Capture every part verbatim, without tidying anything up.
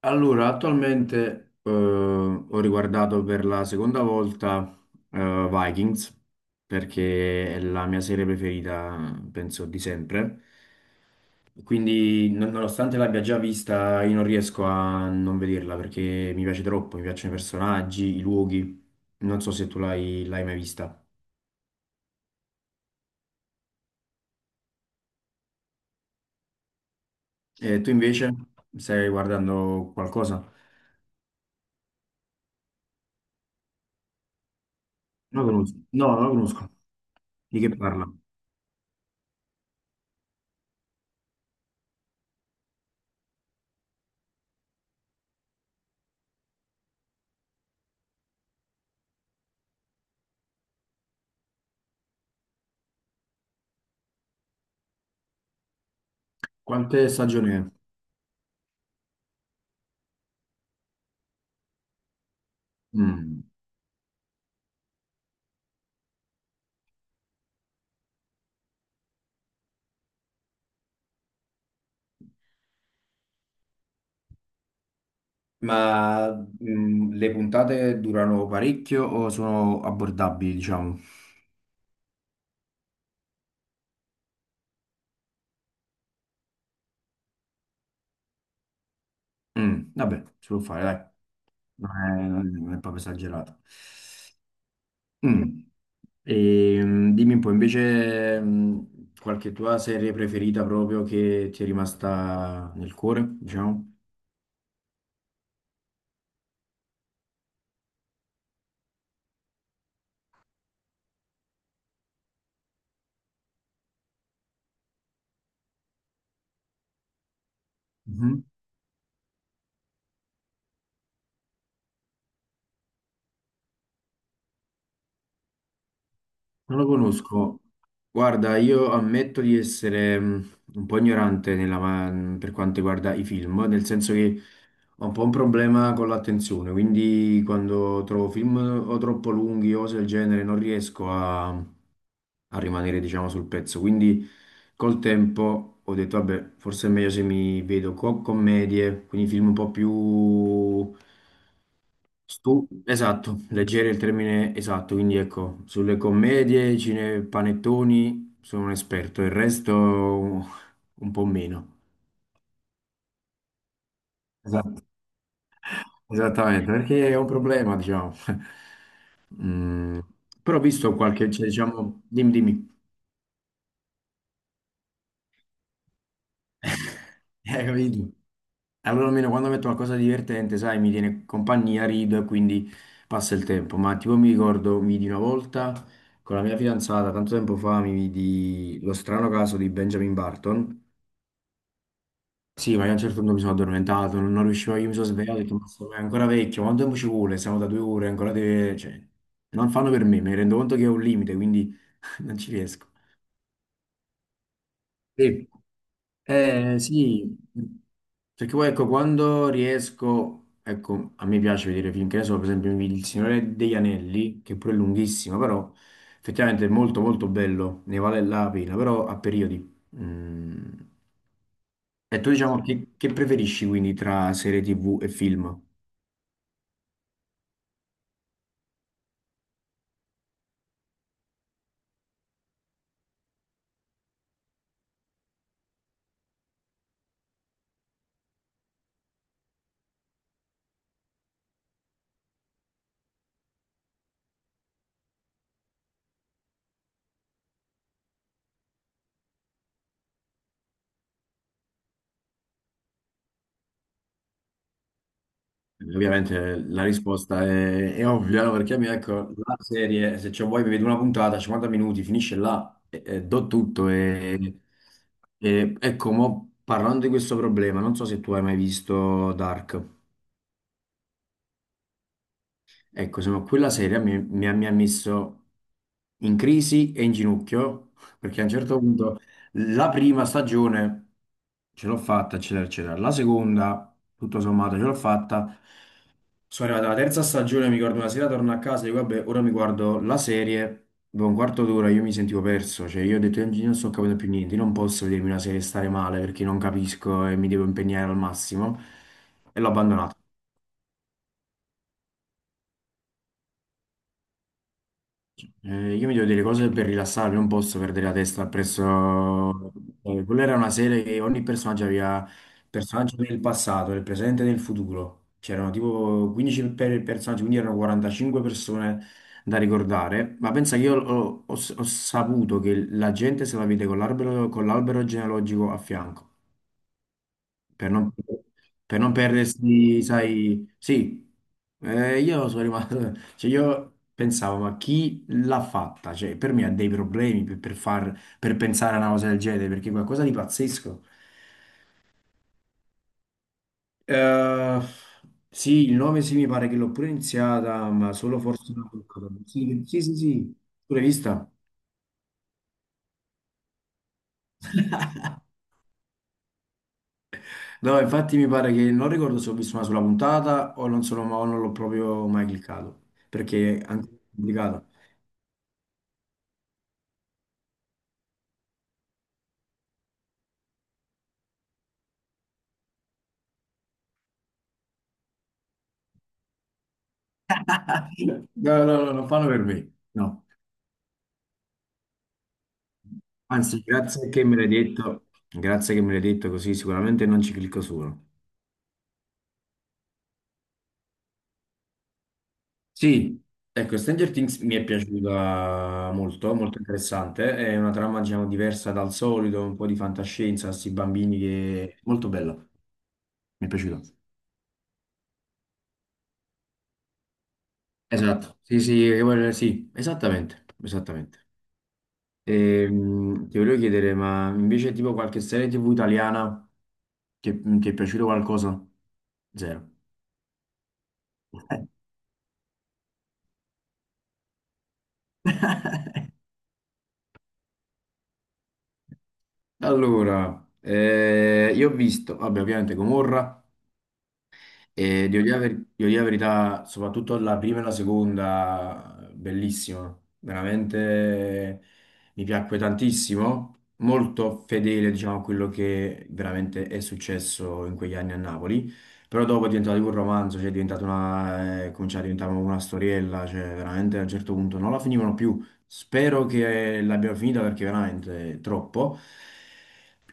Allora, attualmente eh, ho riguardato per la seconda volta eh, Vikings perché è la mia serie preferita, penso, di sempre. Quindi, non- nonostante l'abbia già vista, io non riesco a non vederla perché mi piace troppo, mi piacciono i personaggi, i luoghi. Non so se tu l'hai l'hai mai vista. E tu invece stai guardando qualcosa? Non la conosco. No, non la conosco. Di che parla? Quante stagioni è? Mm. Ma mh, le puntate durano parecchio o sono abbordabili, diciamo? Mm, vabbè, si può fare, dai. Non è, non è proprio esagerato. Mm, e, mh, dimmi un po', invece, mh, qualche tua serie preferita proprio che ti è rimasta nel cuore, diciamo? Mhm. Non lo conosco. Guarda, io ammetto di essere mh, un po' ignorante nella ma- per quanto riguarda i film, nel senso che ho un po' un problema con l'attenzione, quindi quando trovo film o troppo lunghi o cose del genere non riesco a, a rimanere, diciamo, sul pezzo. Quindi col tempo ho detto, vabbè, forse è meglio se mi vedo co- commedie, quindi film un po' più... stu- esatto, leggeri è il termine esatto, quindi ecco, sulle commedie, cine, panettoni sono un esperto, il resto un po' meno. Esattamente, perché è un problema, diciamo. Mm, però ho visto qualche, cioè, diciamo, dimmi, dimmi. Hai capito? Allora almeno quando metto qualcosa di divertente, sai, mi tiene compagnia, rido e quindi passa il tempo. Ma tipo mi ricordo, mi vidi una volta con la mia fidanzata, tanto tempo fa, mi vidi lo strano caso di Benjamin Barton. Sì, ma io a un certo punto mi sono addormentato, non, non riuscivo, io mi sono svegliato e ho detto, ma sto- è ancora vecchio, quanto tempo ci vuole? Siamo da due ore, ancora deve... Cioè, non fanno per me, mi rendo conto che è un limite, quindi non ci riesco. Sì. Eh, sì, perché poi ecco, quando riesco, ecco, a me piace vedere film, che ne so, per esempio Il Signore degli Anelli, che pure è lunghissimo, però effettivamente è molto molto bello, ne vale la pena, però a periodi. Mm. E tu diciamo che, che preferisci quindi tra serie T V e film? Ovviamente la risposta è, è ovvia, no? Perché a me ecco, la serie, se c'ho voglia mi vedo una puntata, cinquanta minuti, finisce là, e, e do tutto. E, e- ecco, mo, parlando di questo problema, non so se tu hai mai visto Dark. Ecco, insomma, quella serie mi, mi- ha mi ha messo in crisi e in ginocchio, perché a un certo punto la prima stagione ce l'ho fatta, eccetera, eccetera. La seconda, tutto sommato, ce l'ho fatta. Sono arrivato alla terza stagione, mi ricordo una sera torno a casa e dico, vabbè, ora mi guardo la serie. Dopo un quarto d'ora io mi sentivo perso, cioè io ho detto, "Io non sto capendo più niente, io non posso vedermi una serie e stare male perché non capisco e mi devo impegnare al massimo." E l'ho abbandonato. Eh, io mi devo dire cose per rilassarmi, non posso perdere la testa presso... eh, quella era una serie che ogni personaggio aveva personaggio del passato, del presente e del futuro. C'erano tipo quindici per personaggi, quindi erano quarantacinque persone da ricordare. Ma pensa che io ho, ho- ho saputo che la gente se la vede con l'albero con l'albero genealogico a fianco per non, per non perdersi, sai, sì. Eh, io sono rimasto, cioè io pensavo, ma chi l'ha fatta? Cioè, per me ha dei problemi per, per far, per pensare a una cosa del genere, perché è qualcosa di pazzesco. Eh, sì, il nove sì, mi pare che l'ho pure iniziata, ma solo forse una puntata. Sì, sì, sì, sì, pure vista. No, infatti mi pare che non ricordo se ho visto una sola puntata o non, sono, o non l'ho proprio mai cliccato, perché è anche complicato. No, no, no, non fanno per me, no. Anzi, grazie che me l'hai detto, grazie che me l'hai detto così sicuramente non ci clicco solo. Sì, ecco, Stranger Things mi è piaciuta molto, molto interessante, è una trama, diciamo, diversa dal solito, un po' di fantascienza, questi bambini che... molto bella, mi è piaciuta. Esatto, sì, sì, eh, sì, esattamente, esattamente. Ehm, ti volevo chiedere, ma invece tipo qualche serie T V italiana che che ti è piaciuto qualcosa? Zero. Allora, eh, io ho visto, vabbè, ovviamente Gomorra, e devo dire, la ver- devo dire la verità, soprattutto la prima e la seconda, bellissima, veramente mi piacque tantissimo, molto fedele, diciamo, a quello che veramente è successo in quegli anni a Napoli, però dopo è diventato un romanzo, cioè è diventata una, eh, cominciava a diventare una storiella, cioè veramente a un certo punto non la finivano più. Spero che l'abbiamo finita perché veramente è troppo.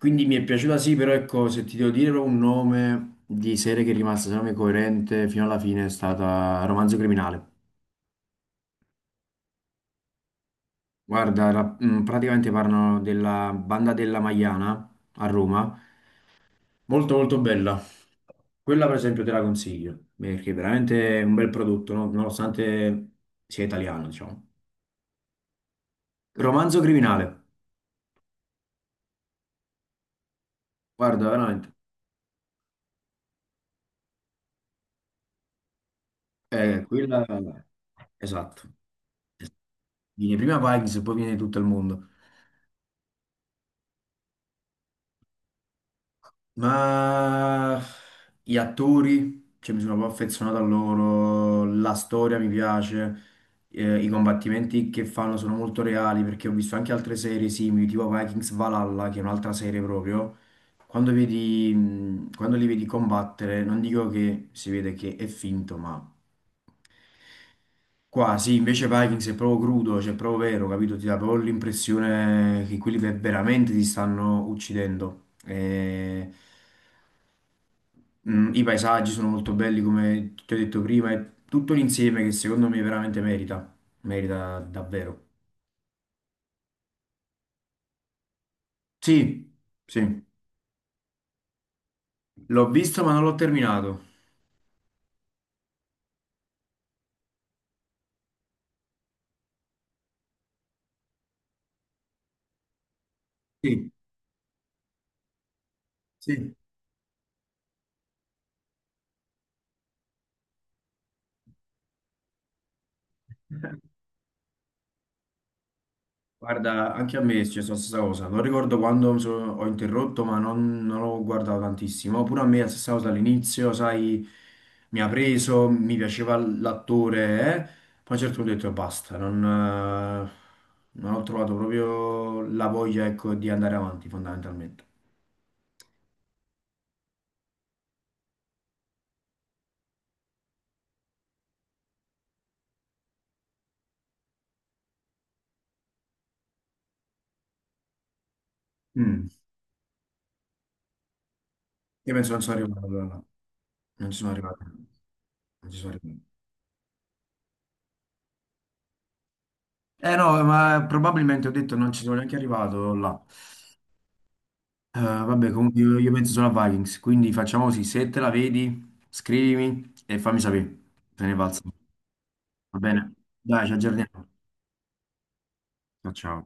Quindi mi è piaciuta sì, però ecco, se ti devo dire un nome di serie che è rimasta, secondo me, coerente fino alla fine è stata Romanzo Criminale. Guarda, ra- mm, praticamente parlano della banda della Magliana a Roma, molto molto bella. Quella per esempio te la consiglio, perché veramente è un bel prodotto, no? Nonostante sia italiano, diciamo. Romanzo Criminale, guarda, veramente. Eh, quella... Esatto. Viene prima Vikings e poi viene tutto il mondo. Ma gli attori, cioè, mi sono proprio affezionato a loro, la storia mi piace, eh, i combattimenti che fanno sono molto reali perché ho visto anche altre serie simili, tipo Vikings Valhalla, che è un'altra serie proprio. Quando vedi, mh, quando li vedi combattere, non dico che si vede che è finto, ma qua sì, invece Vikings è proprio crudo, cioè è proprio vero, capito? Ti dà proprio l'impressione che quelli ver- veramente ti stanno uccidendo. E, mm, i paesaggi sono molto belli, come ti ho detto prima, è tutto l'insieme che secondo me veramente merita, merita davvero. Sì, sì, l'ho visto ma non l'ho terminato. Sì, sì. Guarda, anche a me è successa la stessa cosa. Non ricordo quando mi sono- ho interrotto, ma non, non ho guardato tantissimo. Pure a me è la stessa cosa all'inizio, sai, mi ha preso, mi piaceva l'attore, eh. Poi a un certo punto ho detto basta, non, eh, non ho trovato proprio la voglia, ecco, di andare avanti fondamentalmente. Mm. Io penso non sono arrivato là. Non ci sono arrivato. Non ci sono arrivato. Eh no, ma probabilmente ho detto non ci sono neanche arrivato là. Eh, vabbè, comunque io, io penso solo a Vikings, quindi facciamo così, se te la vedi, scrivimi e fammi sapere se ne valsa. Va bene? Dai, ci aggiorniamo. Ciao ciao.